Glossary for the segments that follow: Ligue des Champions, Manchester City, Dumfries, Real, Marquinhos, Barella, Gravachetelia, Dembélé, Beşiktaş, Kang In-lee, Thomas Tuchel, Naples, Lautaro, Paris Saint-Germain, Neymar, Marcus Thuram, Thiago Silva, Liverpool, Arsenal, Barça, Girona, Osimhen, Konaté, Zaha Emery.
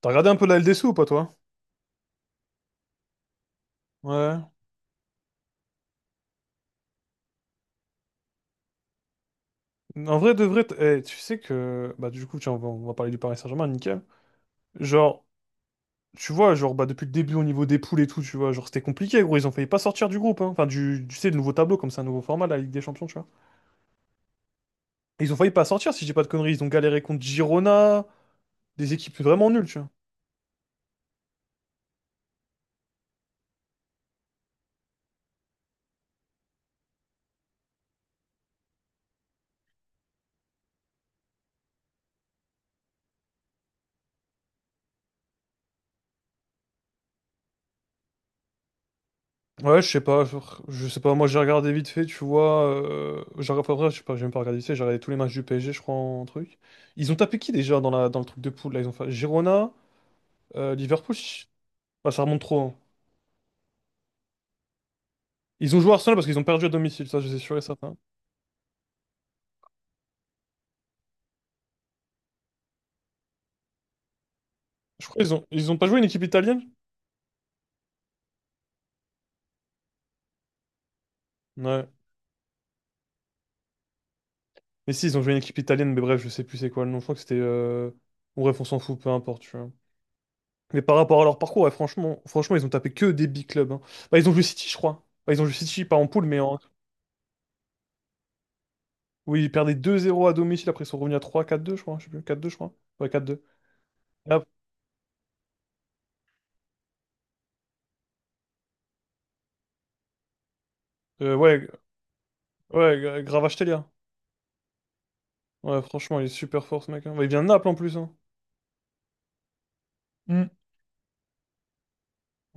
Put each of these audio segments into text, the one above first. T'as regardé un peu la LDC ou pas, toi? Ouais. En vrai, de vrai, tu sais que... Bah, du coup, tiens, on va parler du Paris Saint-Germain, nickel. Genre, tu vois, genre, bah, depuis le début, au niveau des poules et tout, tu vois, genre, c'était compliqué, gros. Ils ont failli pas sortir du groupe, hein. Enfin, tu sais, le nouveau tableau, comme c'est un nouveau format, la Ligue des Champions, tu vois. Et ils ont failli pas sortir, si j'ai pas de conneries. Ils ont galéré contre Girona, des équipes vraiment nulles, tu vois. Ouais, je sais pas, genre, je sais pas, moi, j'ai regardé vite fait, tu vois. Enfin, bref, je sais pas, j'ai même pas regardé vite fait, j'ai regardé tous les matchs du PSG, je crois, en truc. Ils ont tapé qui, déjà, dans le truc de poule, là? Ils ont fait Girona... Liverpool, ah, ça remonte trop. Hein. Ils ont joué Arsenal parce qu'ils ont perdu à domicile, ça, je suis sûr et certain. Je crois qu'ils ont pas joué une équipe italienne? Ouais. Mais si, ils ont joué une équipe italienne, mais bref, je sais plus c'est quoi le nom. Je crois que c'était. Bon, bref, on s'en fout, peu importe, tu vois. Mais par rapport à leur parcours, ouais, franchement, franchement, ils ont tapé que des big clubs. Hein. Bah, ils ont joué City, je crois. Bah, ils ont joué City, pas en poule, mais en. Oui, ils perdaient 2-0 à domicile, après ils sont revenus à trois quatre deux je crois. Je sais plus, quatre deux je crois. Ouais, quatre deux. Et ap- ouais, ouais, Gravachetelia. Ouais, franchement, il est super fort, ce mec. Hein. Bah, il vient de Naples en plus. Hein.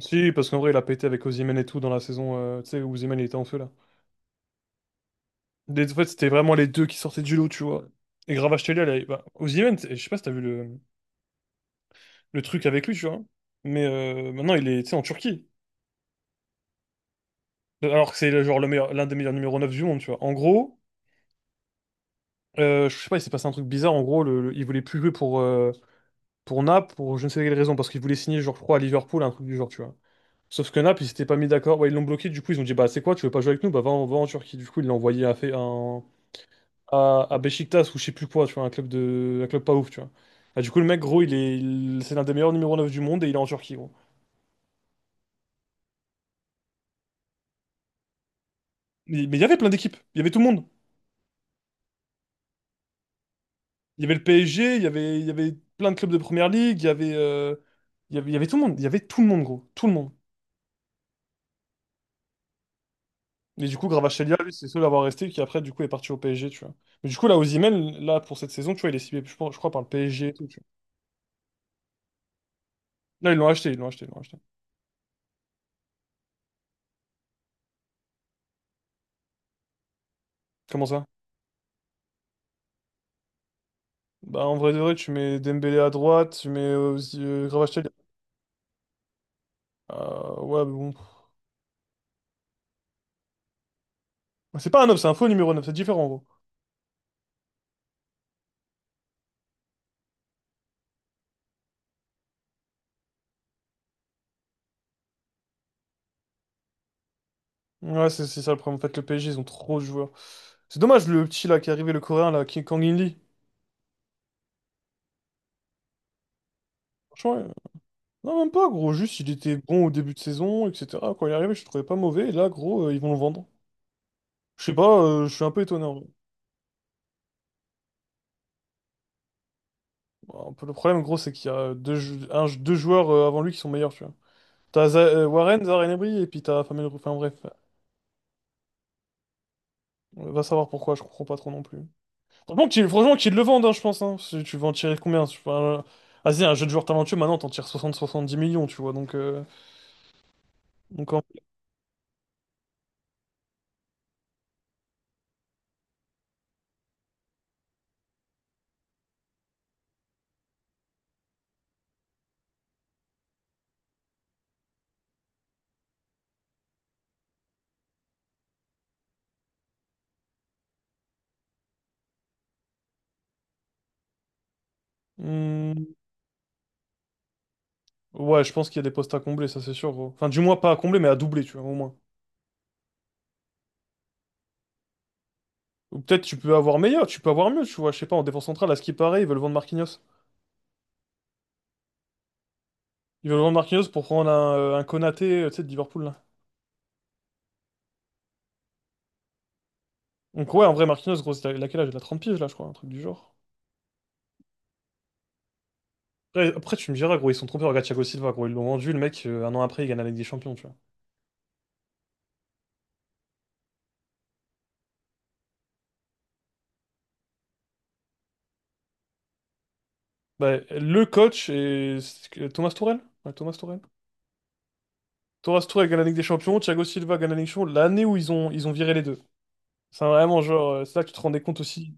Si, parce qu'en vrai, il a pété avec Osimhen et tout dans la saison, tu sais, où Osimhen il était en feu là. En fait, c'était vraiment les deux qui sortaient du lot, tu vois. Et Gravatachelia, là, bah, Osimhen, je sais pas si t'as vu le truc avec lui, tu vois. Mais maintenant, il est, tu sais, en Turquie. Alors que c'est genre le meilleur, l'un des meilleurs numéro 9 du monde, tu vois. En gros, je sais pas, il s'est passé un truc bizarre. En gros, il voulait plus jouer pour Naples, pour je ne sais quelle raison, parce qu'il voulait signer, genre, je crois, à Liverpool, un truc du genre, tu vois. Sauf que Naples, ils s'étaient pas mis d'accord. Ouais, ils l'ont bloqué, du coup, ils ont dit, bah, c'est quoi, tu veux pas jouer avec nous? Bah, va en Turquie. Du coup, ils l'ont envoyé à fait un à Beşiktaş ou je sais plus quoi, tu vois, un club pas ouf, tu vois. Ah, du coup, le mec, gros, c'est l'un des meilleurs numéro 9 du monde et il est en Turquie, gros. Mais il y avait plein d'équipes, il y avait tout le monde. Il y avait le PSG, il y avait plein de clubs de première ligue, il y avait, il y avait tout le monde, il y avait tout le monde, gros, tout le monde. Et du coup, Gravatachelia, lui, c'est le seul à avoir resté qui après, du coup, est parti au PSG, tu vois. Mais du coup, là, Osimhen, là, pour cette saison, tu vois, il est ciblé, je crois, par le PSG et tout, tu vois. Là, ils l'ont acheté, ils l'ont acheté, ils l'ont acheté. Comment ça? Bah, en vrai de vrai, tu mets Dembélé à droite, tu mets aussi, Gravatachelia. Ouais, mais bon. Bah, c'est pas un 9, c'est un faux numéro 9. C'est différent en gros. Ouais, c'est ça le problème. En fait, le PSG, ils ont trop de joueurs. C'est dommage le petit là qui est arrivé, le coréen là, qui est Kang In-lee. Franchement, non, même pas gros. Juste, il était bon au début de saison, etc. Quand il est arrivé, je le trouvais pas mauvais. Et là, gros, ils vont le vendre. Je sais pas, je suis un peu étonné, en vrai. Bon, un peu, le problème, gros, c'est qu'il y a deux joueurs avant lui qui sont meilleurs, tu vois. T'as Warren, Zaha Emery, et puis t'as Famel. Enfin bref, va savoir pourquoi, je comprends pas trop non plus. Franchement, qu'ils le vendent, hein, je pense. Hein. Si tu vas en tirer combien? Tu vois, vas-y, un jeu de joueur talentueux, maintenant, t'en tires 60-70 millions, tu vois. Donc en- Hmm, ouais, je pense qu'il y a des postes à combler, ça c'est sûr, gros. Enfin, du moins, pas à combler, mais à doubler, tu vois, au moins. Ou peut-être tu peux avoir meilleur, tu peux avoir mieux, tu vois. Je sais pas, en défense centrale, à ce qui paraît, ils veulent vendre Marquinhos. Ils veulent vendre Marquinhos pour prendre un Konaté, tu sais, de Liverpool, là. Donc, ouais, en vrai, Marquinhos, gros, il a quel âge? Il a 30 piges, là, je crois, un truc du genre. Après, tu me diras, gros, ils sont trompés. Regarde Thiago Silva, gros, ils l'ont vendu, le mec, un an après, il gagne la Ligue des Champions, tu vois. Bah, le coach est Thomas Tuchel? Ouais, Thomas Tuchel. Thomas Tuchel gagne la Ligue des Champions, Thiago Silva gagne la Ligue des Champions, l'année où ils ont viré les deux. C'est vraiment genre, c'est là que tu te rendais compte aussi.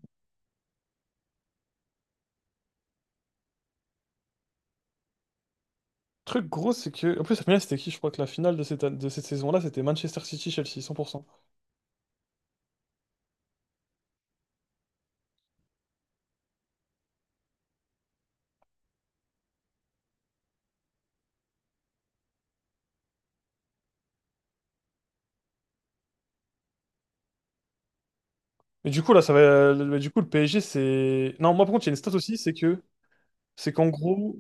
Le truc gros, c'est que. En plus, la finale, c'était qui? Je crois que la finale de cette saison-là, c'était Manchester City-Chelsea, 100%. Mais du coup, là, ça va, mais du coup, le PSG, c'est. Non, moi, par contre, il y a une stat aussi, c'est qu'en gros,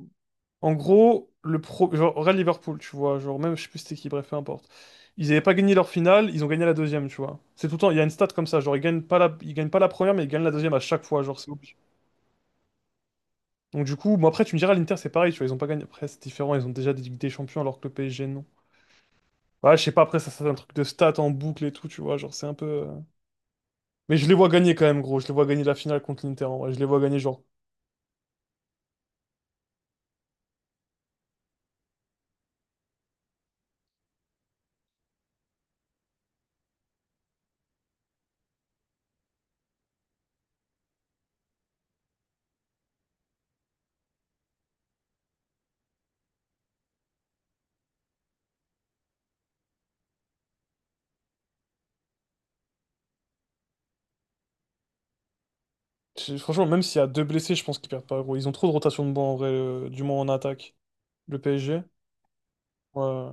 en gros, le pro, genre Real Liverpool, tu vois, genre même, je sais plus c'était qui, bref, peu importe. Ils n'avaient pas gagné leur finale, ils ont gagné la deuxième, tu vois. C'est tout le temps, il y a une stat comme ça, genre ils gagnent pas la première, mais ils gagnent la deuxième à chaque fois, genre c'est obligé. Donc du coup, bon après tu me diras, l'Inter c'est pareil, tu vois, ils ont pas gagné, après c'est différent, ils ont déjà des Ligues des Champions alors que le PSG non. Ouais, je sais pas, après ça c'est un truc de stats en boucle et tout, tu vois, genre c'est un peu... Mais je les vois gagner quand même, gros, je les vois gagner la finale contre l'Inter, en vrai, je les vois gagner genre... Franchement, même s'il y a deux blessés, je pense qu'ils perdent pas, gros. Ils ont trop de rotation de banc, en vrai, du moins en attaque. Le PSG? Ouais.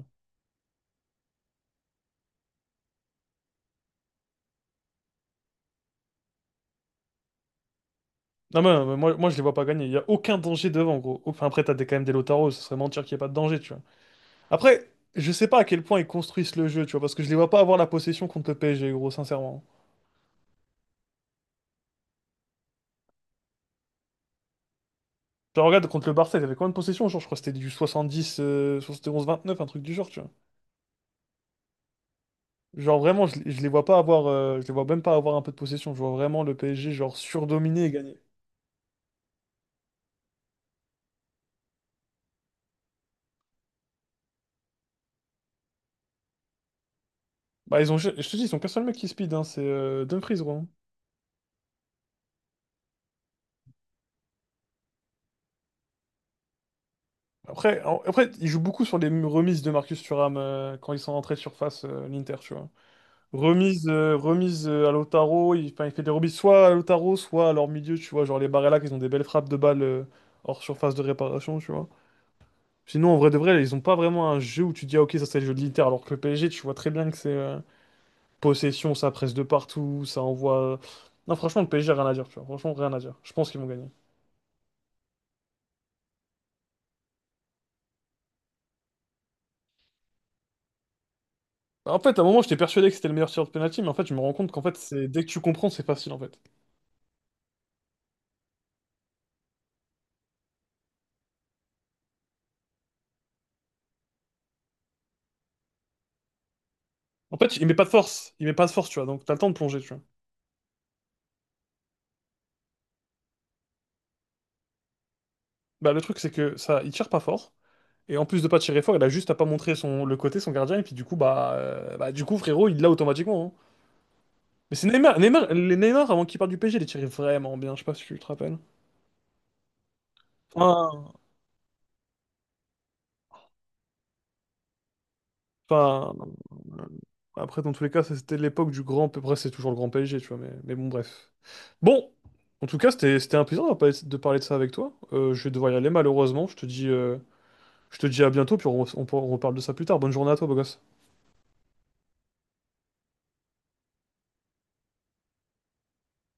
Non, mais moi, je les vois pas gagner. Il y a aucun danger devant, gros. Enfin, après, t'as des, quand même des Lautaro, ce serait mentir qu'il n'y ait pas de danger, tu vois. Après, je sais pas à quel point ils construisent le jeu, tu vois, parce que je les vois pas avoir la possession contre le PSG, gros, sincèrement. Genre, regarde, contre le Barça, ils avaient combien de possession? Genre, je crois que c'était du 70, 71-29, un truc du genre, tu vois. Genre, vraiment, je les vois pas avoir, je les vois même pas avoir un peu de possession. Je vois vraiment le PSG, genre, surdominer et gagner. Bah, ils ont, je te dis, ils ont qu'un seul mec qui speed, hein, c'est Dumfries, gros. Après, après, ils jouent beaucoup sur les remises de Marcus Thuram quand ils sont rentrés de surface, l'Inter, tu vois. Remise, à Lautaro, il, enfin, il fait des remises soit à Lautaro, soit à leur milieu, tu vois. Genre les Barella, qui ont des belles frappes de balles hors surface de réparation, tu vois. Sinon, en vrai de vrai, ils ont pas vraiment un jeu où tu dis, ah, ok, ça c'est le jeu de l'Inter, alors que le PSG, tu vois très bien que c'est possession, ça presse de partout, ça envoie. Non, franchement, le PSG, rien à dire, tu vois. Franchement, rien à dire. Je pense qu'ils vont gagner. En fait, à un moment, j'étais persuadé que c'était le meilleur tireur de penalty, mais en fait, je me rends compte qu'en fait, c'est dès que tu comprends, c'est facile, en fait. En fait, il met pas de force. Il met pas de force, tu vois. Donc, t'as le temps de plonger, tu vois. Bah, le truc, c'est que ça, il tire pas fort. Et en plus de pas tirer fort, il a juste à pas montrer son, le côté, son gardien. Et puis, du coup, frérot, il l'a automatiquement. Hein. Mais c'est Neymar, avant qu'il parte du PSG, les tirait vraiment bien. Je sais pas si tu te rappelles. Enfin, enfin, après, dans tous les cas, ça, c'était l'époque du grand. Après, c'est toujours le grand PSG, tu vois. Mais, bon, bref. Bon, en tout cas, c'était un plaisir de parler de ça avec toi. Je vais devoir y aller malheureusement. Je te dis à bientôt, puis on reparle de ça plus tard. Bonne journée à toi, beau gosse.